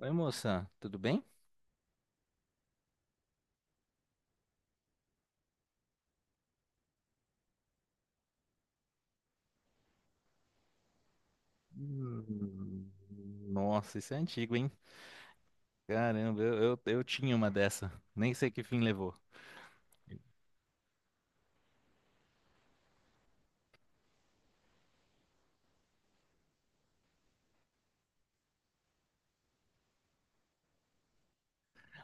Oi, moça, tudo bem? Hum, Nossa, isso é antigo, hein? Caramba, eu tinha uma dessa. Nem sei que fim levou.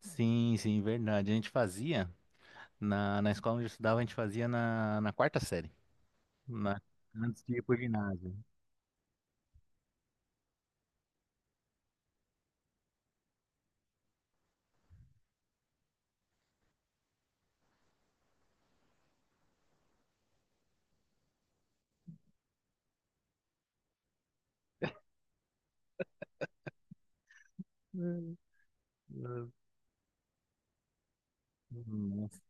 Sim, sim, verdade. A gente fazia, na escola onde eu estudava, a gente fazia na quarta série. Na, Antes de ir pro ginásio. Hum, Nossa,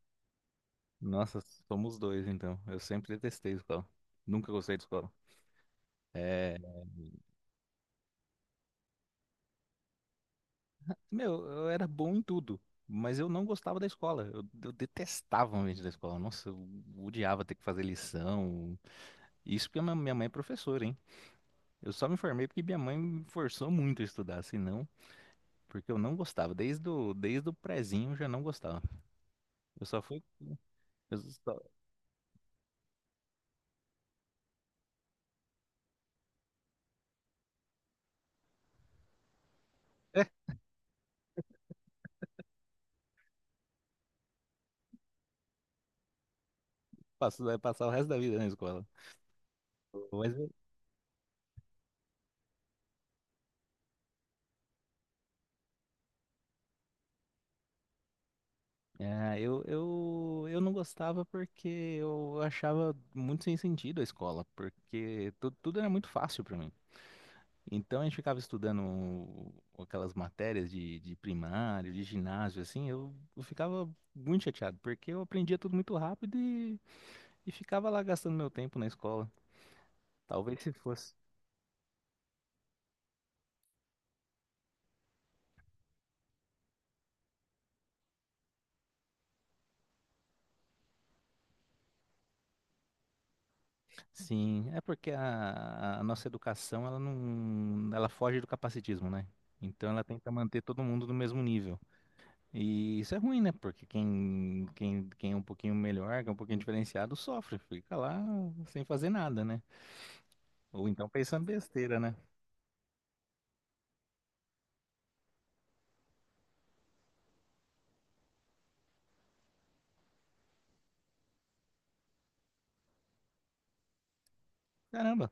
Nossa, somos dois, então. Eu sempre detestei escola. Nunca gostei de escola. É, meu, eu era bom em tudo, mas eu não gostava da escola. Eu detestava o ambiente da escola. Nossa, eu odiava ter que fazer lição. Isso porque a minha mãe é professora, hein? Eu só me formei porque minha mãe me forçou muito a estudar, senão, porque eu não gostava. Desde o prezinho eu já não gostava. Eu só fui, eu só passo, Vai passar o resto da vida na escola. Mas é, eu não gostava porque eu achava muito sem sentido a escola, porque tu, tudo era muito fácil pra mim. Então a gente ficava estudando aquelas matérias de primário, de ginásio, assim, eu ficava muito chateado, porque eu aprendia tudo muito rápido e ficava lá gastando meu tempo na escola. Talvez se fosse. Sim, é porque a nossa educação, ela não, ela foge do capacitismo, né? Então ela tenta manter todo mundo no mesmo nível. E isso é ruim, né? Porque quem é um pouquinho melhor, que é um pouquinho diferenciado, sofre, fica lá sem fazer nada, né? Ou então pensando besteira, né? Caramba,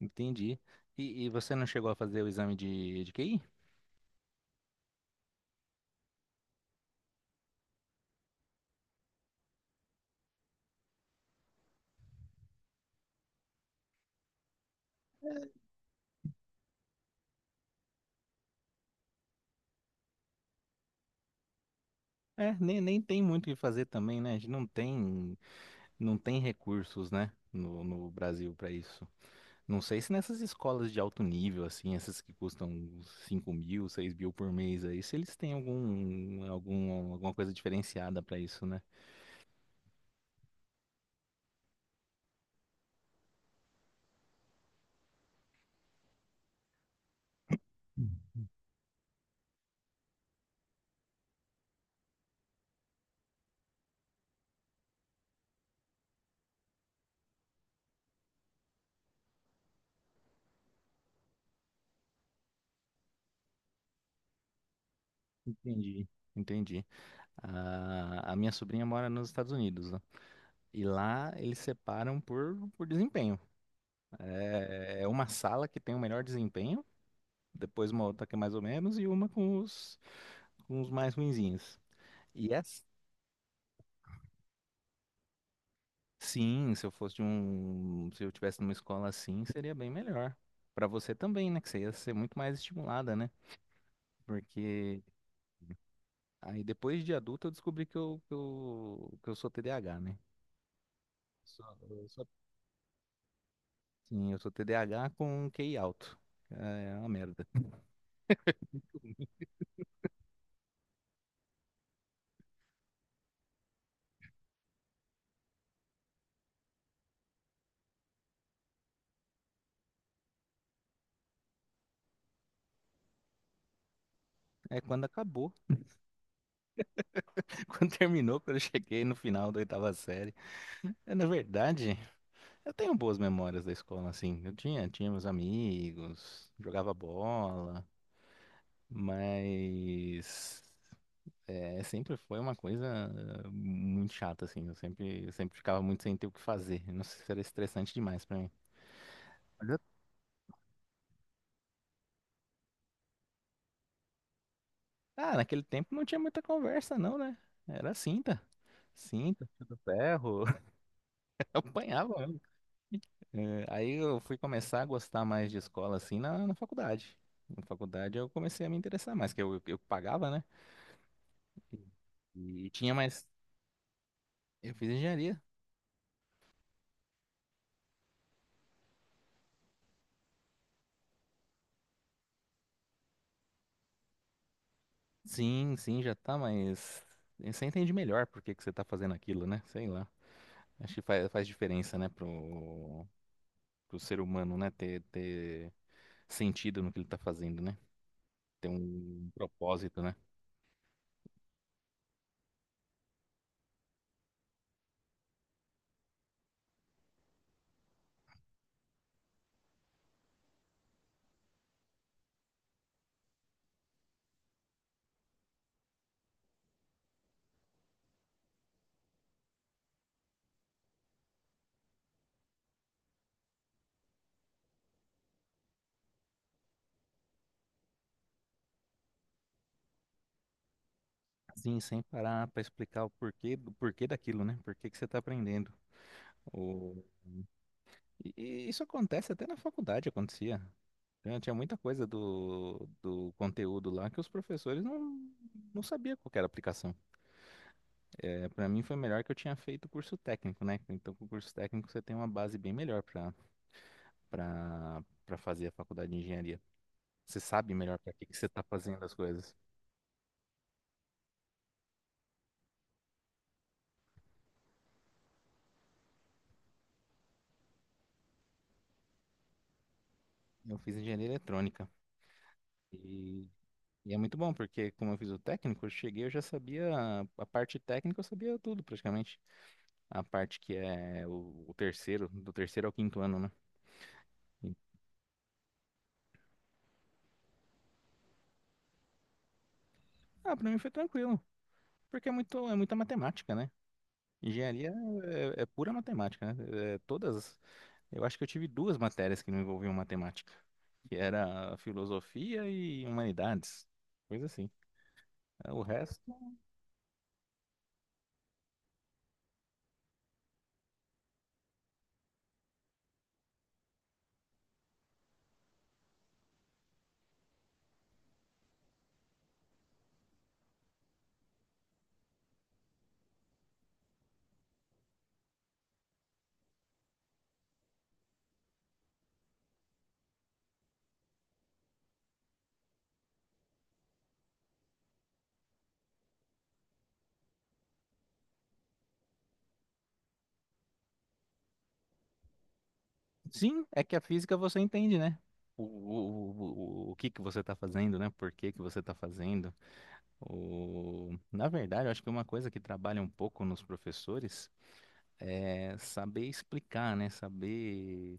entendi. E você não chegou a fazer o exame de QI? É, nem tem muito o que fazer também, né? A gente não tem recursos, né? No Brasil para isso. Não sei se nessas escolas de alto nível, assim, essas que custam 5.000, 6.000 por mês aí, se eles têm alguma coisa diferenciada para isso, né? Hum. Entendi, entendi. A minha sobrinha mora nos Estados Unidos, né? E lá eles separam por desempenho. É uma sala que tem o melhor desempenho, depois uma outra que é mais ou menos, e uma com os mais ruinzinhos. E essa, sim, se eu fosse de um, se eu tivesse numa escola assim, seria bem melhor. Pra você também, né? Que você ia ser muito mais estimulada, né? Porque aí depois de adulto eu descobri que eu, que eu sou TDAH, né? Só- eu só- sim, eu sou TDAH com QI alto. É uma merda. É quando acabou. Quando terminou, quando eu cheguei no final da oitava série. É, na verdade, eu tenho boas memórias da escola, assim. Eu tinha meus amigos, jogava bola, mas é, sempre foi uma coisa muito chata, assim. Eu sempre ficava muito sem ter o que fazer. Não sei se era estressante demais pra mim. Olha, ah, naquele tempo não tinha muita conversa, não, né? Era cinta. Cinta, fio do ferro. Eu apanhava, né? É, aí eu fui começar a gostar mais de escola assim na faculdade. Na faculdade eu comecei a me interessar mais, que eu pagava, né? E tinha mais. Eu fiz engenharia. Sim, sim, já tá, mas você entende melhor por que que você tá fazendo aquilo, né? Sei lá. Acho que faz diferença, né, pro ser humano, né, ter sentido no que ele tá fazendo, né? Ter um propósito, né? Sim, sem parar pra explicar o porquê, do porquê daquilo, né? Por que que você tá aprendendo. E isso acontece até na faculdade, acontecia. Tinha muita coisa do conteúdo lá que os professores não sabiam qual que era a aplicação. É, para mim foi melhor que eu tinha feito curso técnico, né? Então, com o curso técnico você tem uma base bem melhor para para fazer a faculdade de engenharia. Você sabe melhor para que que você está fazendo as coisas. Eu fiz engenharia eletrônica e, e é muito bom porque como eu fiz o técnico, eu cheguei, eu já sabia a parte técnica, eu sabia tudo praticamente. A parte que é o terceiro, do terceiro ao quinto ano, né? E- ah, pra mim foi tranquilo, porque é muita matemática, né? Engenharia é pura matemática, né? É, todas, eu acho que eu tive duas matérias que não envolviam matemática, que era filosofia e humanidades, coisa assim. É, o resto, sim, é que a física você entende, né? O que que você está fazendo, né? Por que que você está fazendo? Na verdade, eu acho que uma coisa que trabalha um pouco nos professores é, saber explicar, né? Saber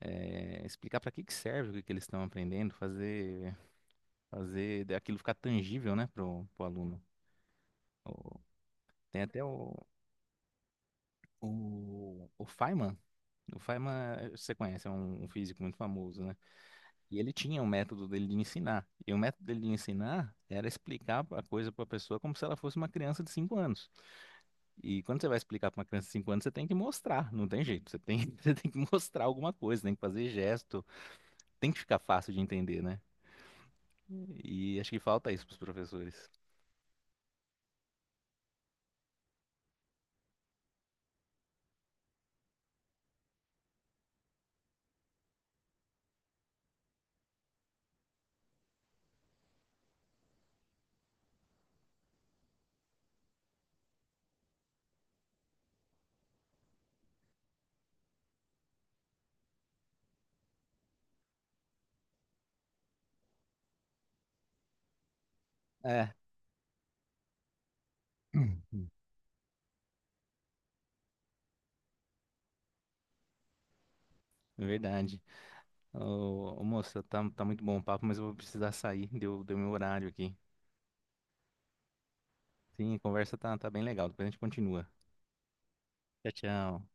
explicar para que que serve o que que eles estão aprendendo, fazer aquilo ficar tangível, né, pro aluno. O- Tem até o Feynman. O Feynman, você conhece, é um físico muito famoso, né? E ele tinha um método dele de ensinar. E o método dele de ensinar era explicar a coisa para a pessoa como se ela fosse uma criança de 5 anos. E quando você vai explicar para uma criança de 5 anos, você tem que mostrar, não tem jeito. Você tem, você tem que mostrar alguma coisa, tem que fazer gesto, tem que ficar fácil de entender, né? E acho que falta isso para os professores. É, é verdade. Ô, moça, tá muito bom o papo, mas eu vou precisar sair. Deu meu horário aqui. Sim, a conversa tá bem legal. Depois a gente continua. Tchau, tchau.